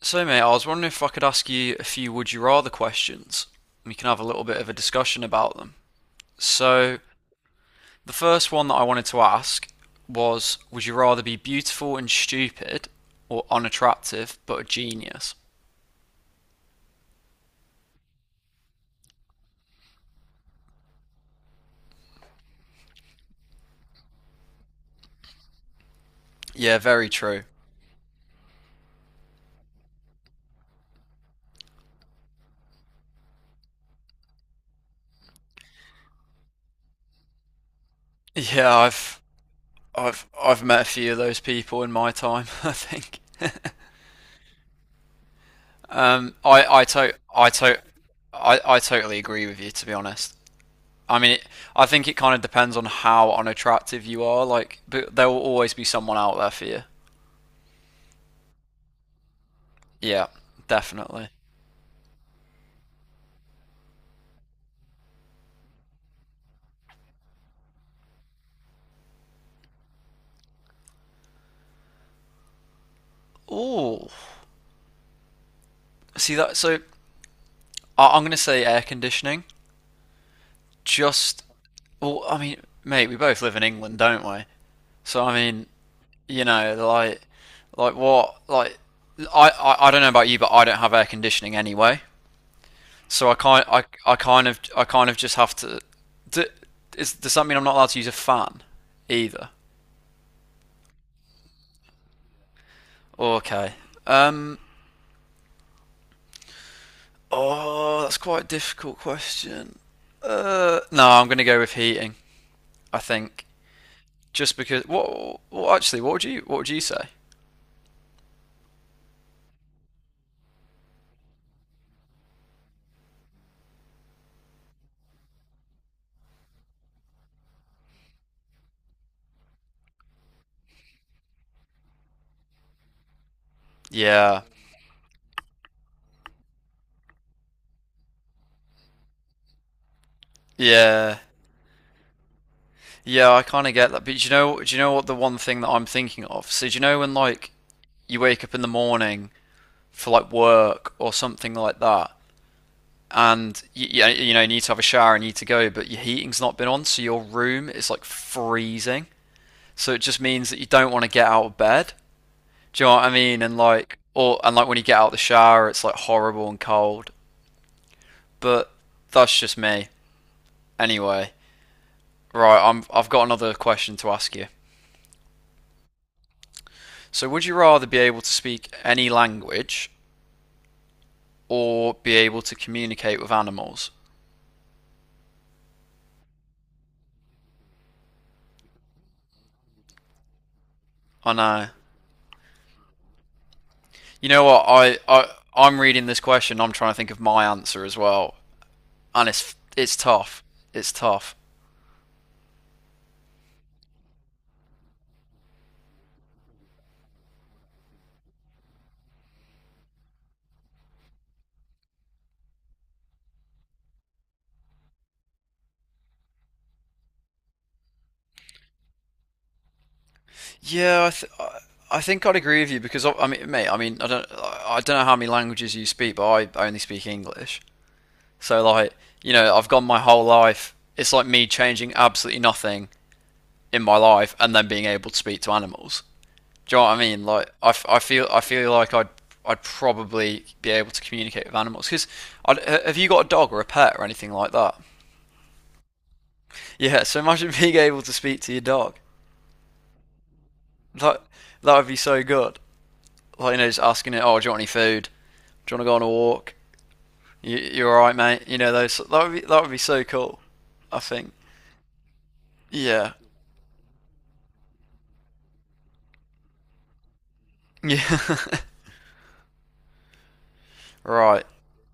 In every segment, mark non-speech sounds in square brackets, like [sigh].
So, mate, I was wondering if I could ask you a few would you rather questions. We can have a little bit of a discussion about them. So, the first one that I wanted to ask was, would you rather be beautiful and stupid or unattractive but a genius? Yeah, very true. Yeah, I've met a few of those people in my time, [laughs] I think. Um I I to I to I totally agree with you, to be honest. I mean, it, I think it kind of depends on how unattractive you are. Like, but there will always be someone out there for you. Yeah, definitely. Ooh, see that? So I'm gonna say air conditioning. Just, I mean, mate, we both live in England, don't we? So I mean, you know, like what, like, I don't know about you, but I don't have air conditioning anyway. So I kind of just have to. Do, does that mean I'm not allowed to use a fan either? Okay. Um. Oh, that's quite a difficult question. No, I'm going to go with heating, I think, just because. What? Well, actually, what would you, what would you say? Yeah. Yeah. Yeah. I kind of get that, but do you know? Do you know what the one thing that I'm thinking of? So do you know when like you wake up in the morning for like work or something like that, and you know you need to have a shower and you need to go, but your heating's not been on, so your room is like freezing. So it just means that you don't want to get out of bed. Do you know what I mean? And like, or and like when you get out of the shower, it's like horrible and cold. But that's just me. Anyway, right, I've got another question to ask you. So, would you rather be able to speak any language or be able to communicate with animals? I know. You know what? I'm reading this question. I'm trying to think of my answer as well, and it's tough. It's tough. Yeah, I think I'd agree with you because I mean, mate, I mean, I don't know how many languages you speak, but I only speak English. So like, you know, I've gone my whole life. It's like me changing absolutely nothing in my life and then being able to speak to animals. Do you know what I mean? Like, I feel like I'd probably be able to communicate with animals. Because have you got a dog or a pet or anything like that? Yeah. So imagine [laughs] being able to speak to your dog. That, that would be so good. Like you know, just asking it, oh, do you want any food? Do you want to go on a walk? You all right, mate? You know, those that would be, that would be so cool, I think. Yeah. Yeah. [laughs] Right. I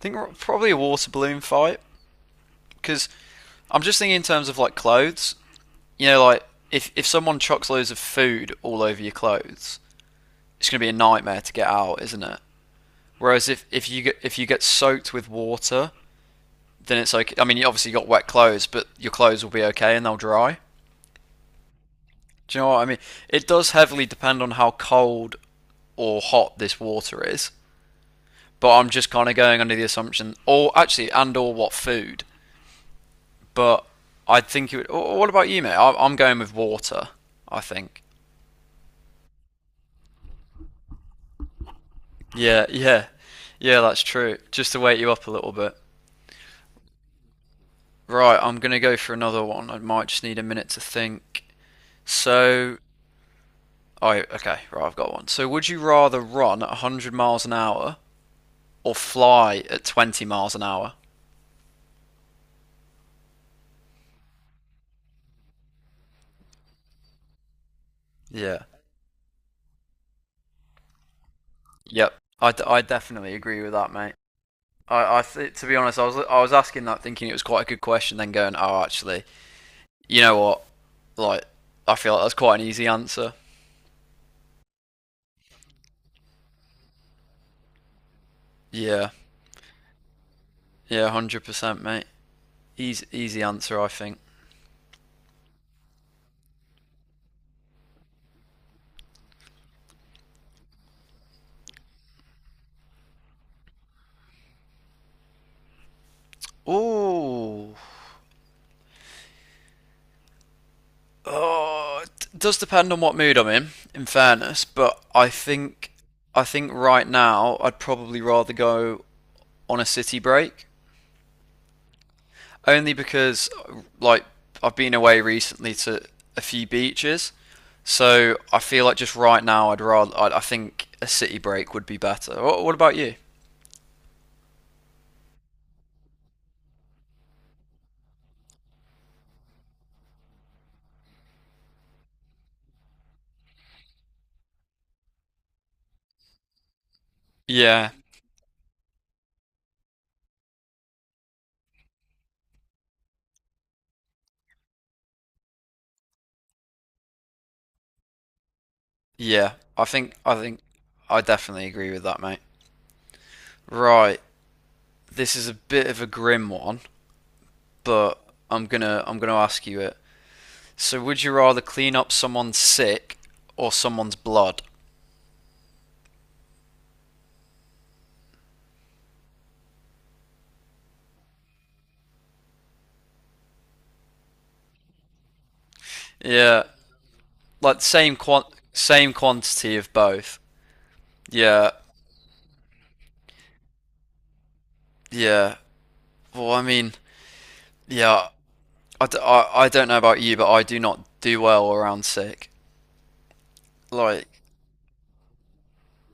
think probably a water balloon fight because I'm just thinking in terms of like clothes. You know, like if someone chucks loads of food all over your clothes, it's gonna be a nightmare to get out, isn't it? Whereas if you get, if you get soaked with water, then it's okay. I mean, you obviously got wet clothes, but your clothes will be okay and they'll dry. Do you know what I mean? It does heavily depend on how cold or hot this water is. But I'm just kind of going under the assumption, or actually, and or what food. But I think it would. Or what about you, mate? I- I'm going with water, I think. Yeah, yeah, yeah. That's true. Just to wake you up a little bit. Right, I'm gonna go for another one. I might just need a minute to think. So, oh, okay, right, I've got one. So, would you rather run at 100 miles an hour or fly at 20 miles an hour? Yeah. Yep, I definitely agree with that, mate. To be honest, I was asking that thinking it was quite a good question, then going, oh, actually, you know what? Like, I feel like that's quite an easy answer. Yeah, yeah, 100%, mate. Easy, easy answer, I think. Ooh, oh, it does depend on what mood I'm in fairness, but I think right now I'd probably rather go on a city break. Only because like I've been away recently to a few beaches, so I feel like just right now I think a city break would be better. What about you? Yeah, yeah. I think I definitely agree with that, mate. Right, this is a bit of a grim one, but I'm gonna ask you it. So, would you rather clean up someone's sick or someone's blood? Yeah, like same quant same quantity of both. Yeah, yeah. Well, I mean, yeah, I don't know about you, but I do not do well around sick. Like,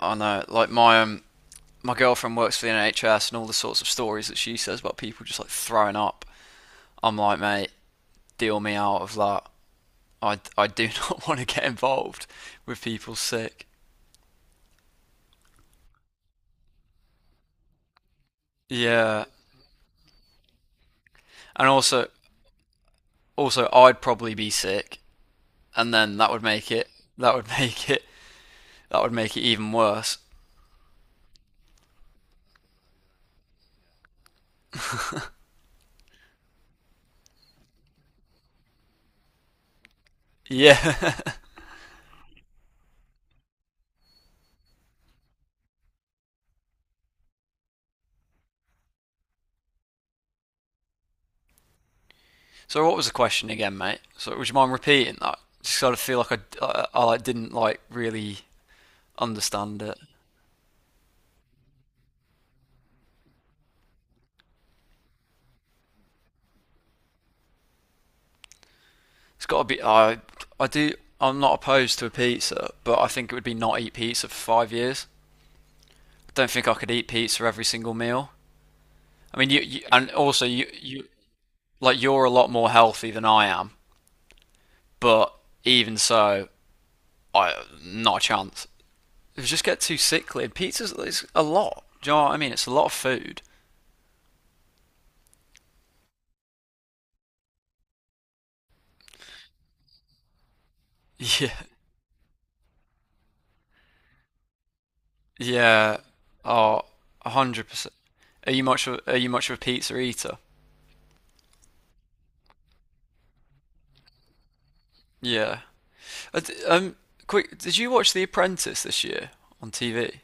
I know, like my girlfriend works for the NHS, and all the sorts of stories that she says about people just like throwing up. I'm like, mate, deal me out of that. I do not [laughs] want to get involved with people sick. Yeah, and also, also I'd probably be sick, and then that would [laughs] make it that would make it even worse. Yeah. [laughs] So what was the question again, mate? So would you mind repeating that? Just sort of feel like I like, didn't like really understand it. It's got to be. I do. I'm not opposed to a pizza, but I think it would be not eat pizza for 5 years. I don't think I could eat pizza every single meal. I mean, you and also you like you're a lot more healthy than I am, but even so, I, not a chance. You just get too sickly. And pizza's, it's a lot. Do you know what I mean? It's a lot of food. [laughs] Yeah, Yeah. Oh, 100%. Are you much of, are you much of a pizza eater? Yeah. Uh, d- Um, Quick, did you watch The Apprentice this year on TV?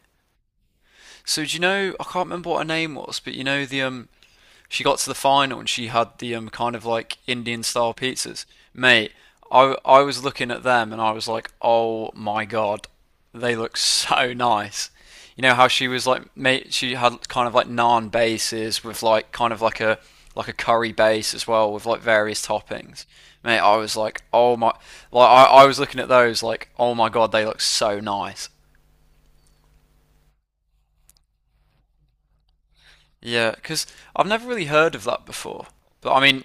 So do you know, I can't remember what her name was, but you know the she got to the final and she had the kind of like Indian style pizzas. Mate, I was looking at them and I was like, oh my god, they look [laughs] so nice. You know how she was like, mate, she had kind of like naan bases with like kind of like a curry base as well with like various toppings. Mate, I was like, oh my, like I was looking at those like, oh my god, they look so nice. Yeah, because I've never really heard of that before. But I mean,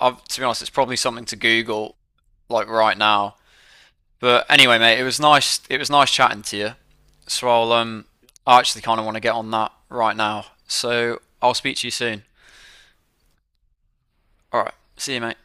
I've, to be honest, it's probably something to Google like right now. But anyway, mate, it was nice. It was nice chatting to you. So I actually kind of want to get on that right now. So I'll speak to you soon. All right, see you, mate.